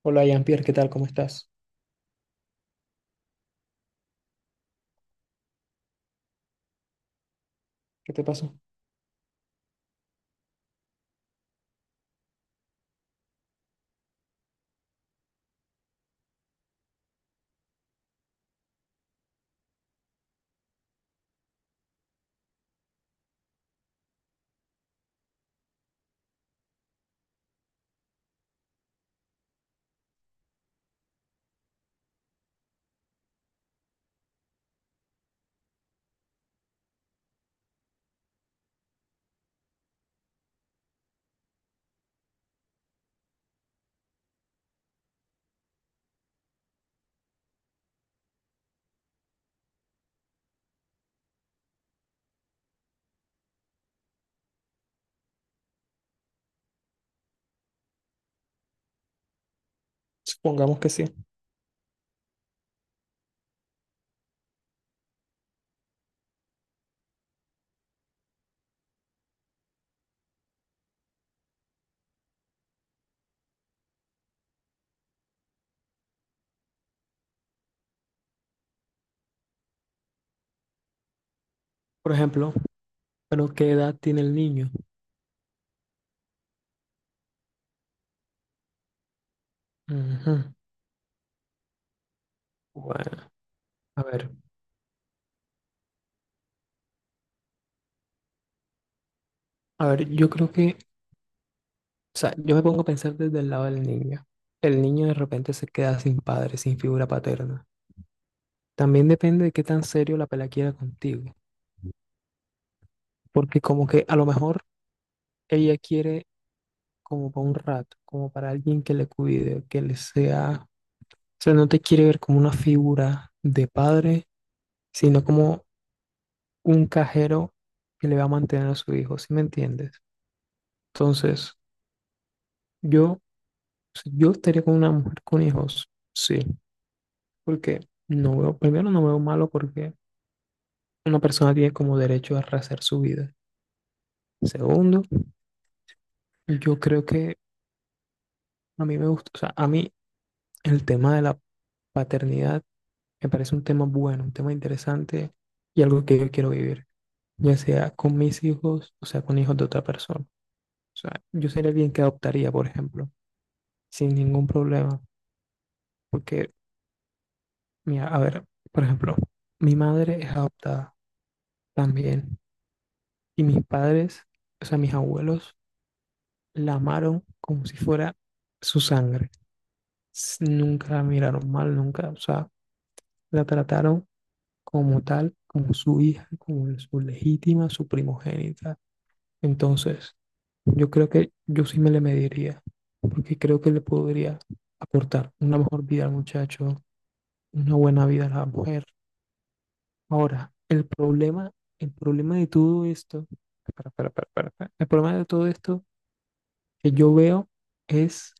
Hola, Jean-Pierre, ¿qué tal? ¿Cómo estás? ¿Qué te pasó? Supongamos que sí. Por ejemplo, ¿pero qué edad tiene el niño? Ujú. Bueno, a ver, yo creo que, o sea, yo me pongo a pensar desde el lado del niño. El niño de repente se queda sin padre, sin figura paterna. También depende de qué tan serio la pela quiera contigo, porque como que a lo mejor ella quiere como para un rato, como para alguien que le cuide, que le sea, o sea, no te quiere ver como una figura de padre, sino como un cajero que le va a mantener a su hijo, ¿sí me entiendes? Entonces, yo, si yo estaría con una mujer con hijos, sí, porque no veo, primero no veo malo porque una persona tiene como derecho a rehacer su vida. Segundo, yo creo que a mí me gusta, o sea, a mí el tema de la paternidad me parece un tema bueno, un tema interesante y algo que yo quiero vivir, ya sea con mis hijos, o sea, con hijos de otra persona. O sea, yo sería alguien que adoptaría, por ejemplo, sin ningún problema. Porque, mira, a ver, por ejemplo, mi madre es adoptada también y mis padres, o sea, mis abuelos, la amaron como si fuera su sangre. S- Nunca la miraron mal, nunca, o sea, la trataron como tal, como su hija, como su legítima, su primogénita. Entonces, yo creo que yo sí me le mediría, porque creo que le podría aportar una mejor vida al muchacho, una buena vida a la mujer. Ahora, el problema de todo esto, el problema de todo esto que yo veo es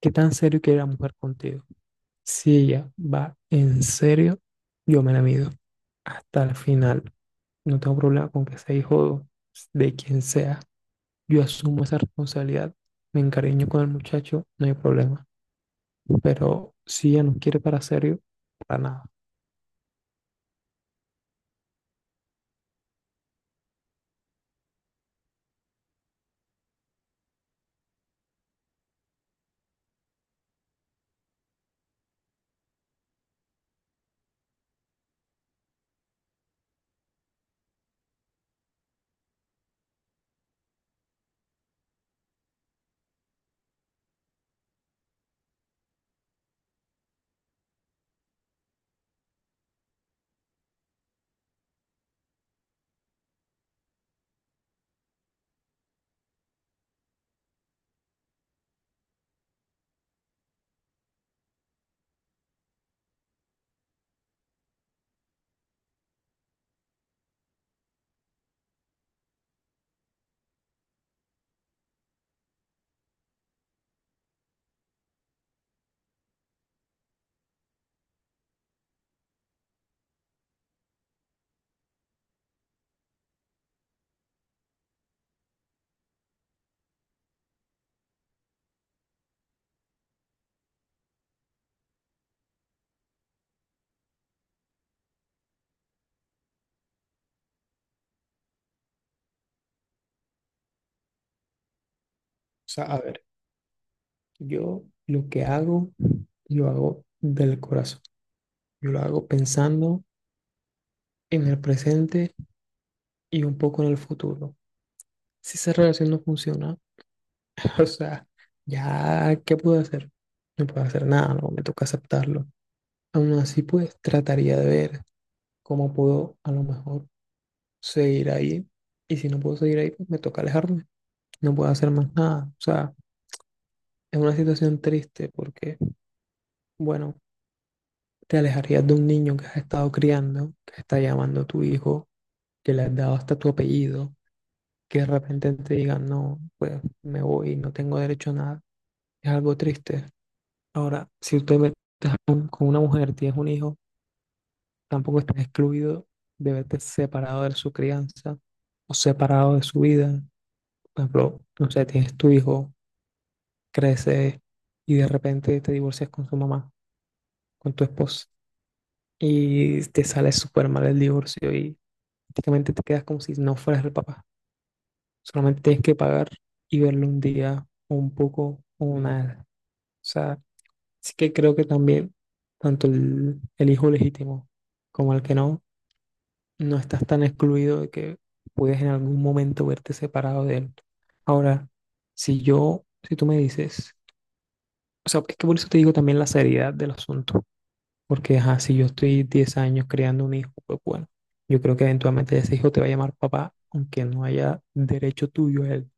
qué tan serio quiere la mujer contigo. Si ella va en serio, yo me la mido hasta el final. No tengo problema con que sea hijo de quien sea. Yo asumo esa responsabilidad, me encariño con el muchacho, no hay problema. Pero si ella no quiere para serio, para nada. O sea, a ver, yo lo que hago, lo hago del corazón. Yo lo hago pensando en el presente y un poco en el futuro. Si esa relación no funciona, o sea, ya, ¿qué puedo hacer? No puedo hacer nada, no, me toca aceptarlo. Aún así, pues trataría de ver cómo puedo a lo mejor seguir ahí. Y si no puedo seguir ahí, pues me toca alejarme. No puedo hacer más nada. O sea, es una situación triste porque, bueno, te alejarías de un niño que has estado criando, que está llamando a tu hijo, que le has dado hasta tu apellido, que de repente te digan, no, pues me voy, no tengo derecho a nada, es algo triste. Ahora, si usted ve- te has con una mujer, tienes un hijo, tampoco estás excluido de verte separado de su crianza o separado de su vida. Por ejemplo, no sé, tienes tu hijo, crece y de repente te divorcias con su mamá, con tu esposa, y te sale súper mal el divorcio y prácticamente te quedas como si no fueras el papá. Solamente tienes que pagar y verlo un día o un poco o nada. O sea, así que creo que también, tanto el hijo legítimo como el que no, no estás tan excluido de que puedes en algún momento verte separado de él. Ahora, si yo, si tú me dices, o sea, es que por eso te digo también la seriedad del asunto, porque ajá, si yo estoy 10 años creando un hijo, pues bueno, yo creo que eventualmente ese hijo te va a llamar papá, aunque no haya derecho tuyo a él,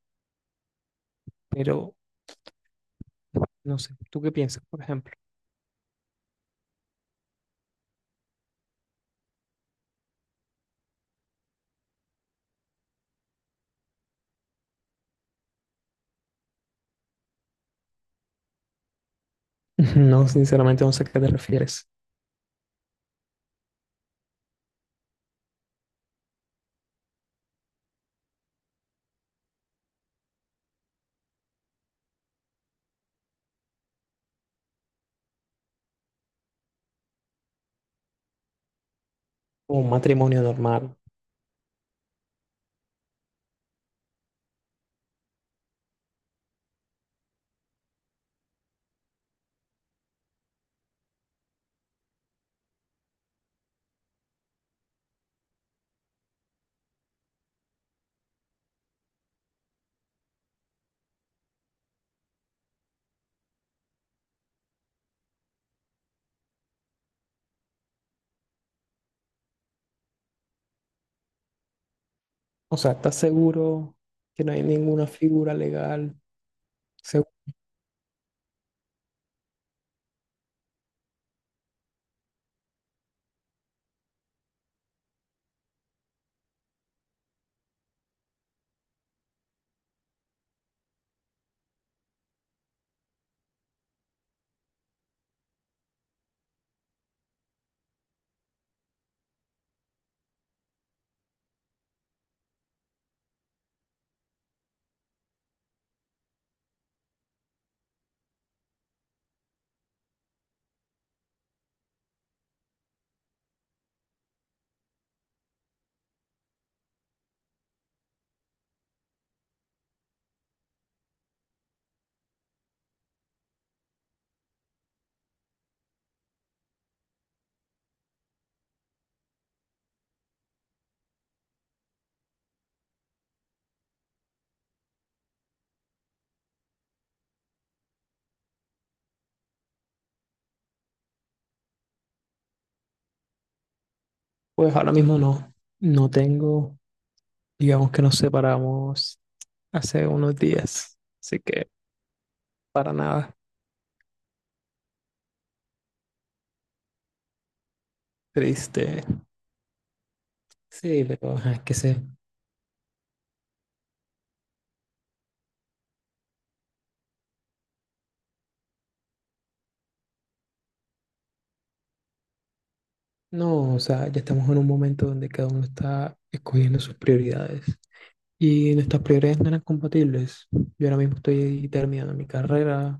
pero no sé, ¿tú qué piensas, por ejemplo? No, sinceramente no sé a qué te refieres. Un matrimonio normal. O sea, ¿estás seguro que no hay ninguna figura legal? Segu- Pues ahora mismo no. No tengo, digamos que nos separamos hace unos días, así que para nada triste. Sí, pero ajá, es que se. No, o sea, ya estamos en un momento donde cada uno está escogiendo sus prioridades y nuestras prioridades no eran compatibles. Yo ahora mismo estoy terminando mi carrera,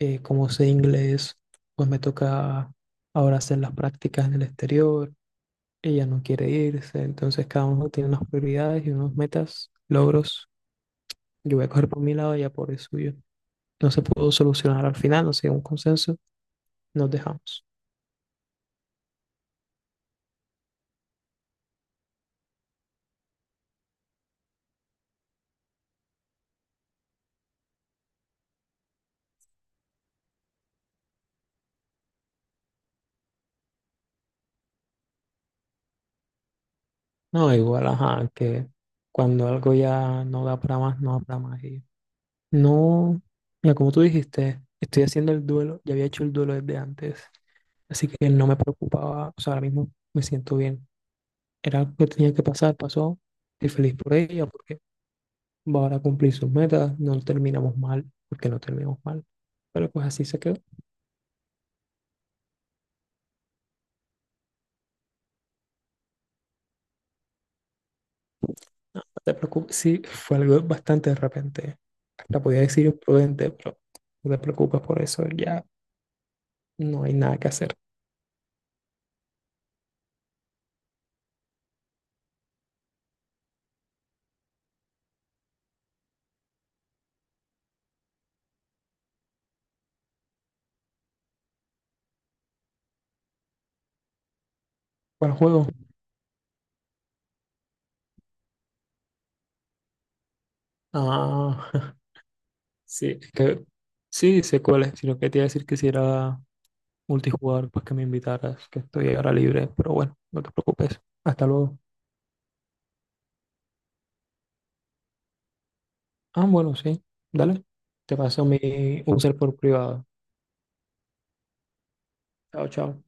como sé inglés, pues me toca ahora hacer las prácticas en el exterior. Ella no quiere irse, entonces cada uno tiene unas prioridades y unas metas, logros. Yo voy a coger por mi lado, ella por el suyo. No se pudo solucionar al final, no se llegó a un consenso, nos dejamos. No, igual, ajá, que cuando algo ya no da para más, no da para más. Y no, ya como tú dijiste, estoy haciendo el duelo, ya había hecho el duelo desde antes, así que no me preocupaba, o sea, ahora mismo me siento bien. Era algo que tenía que pasar, pasó, estoy feliz por ella, porque Bora cumplir sus metas, no terminamos mal, porque no terminamos mal. Pero pues así se quedó, no te preocupes. Sí, fue algo bastante de repente. Hasta podía decir imprudente, pero no te preocupes por eso, ya no hay nada que hacer. ¿Cuál juego? Ah, sí, es que sí, sé cuál es, sino que te iba a decir que si era multijugador, pues que me invitaras, que estoy ahora libre, pero bueno, no te preocupes. Hasta luego. Ah, bueno, sí, dale. Te paso mi user por privado. Chao, chao.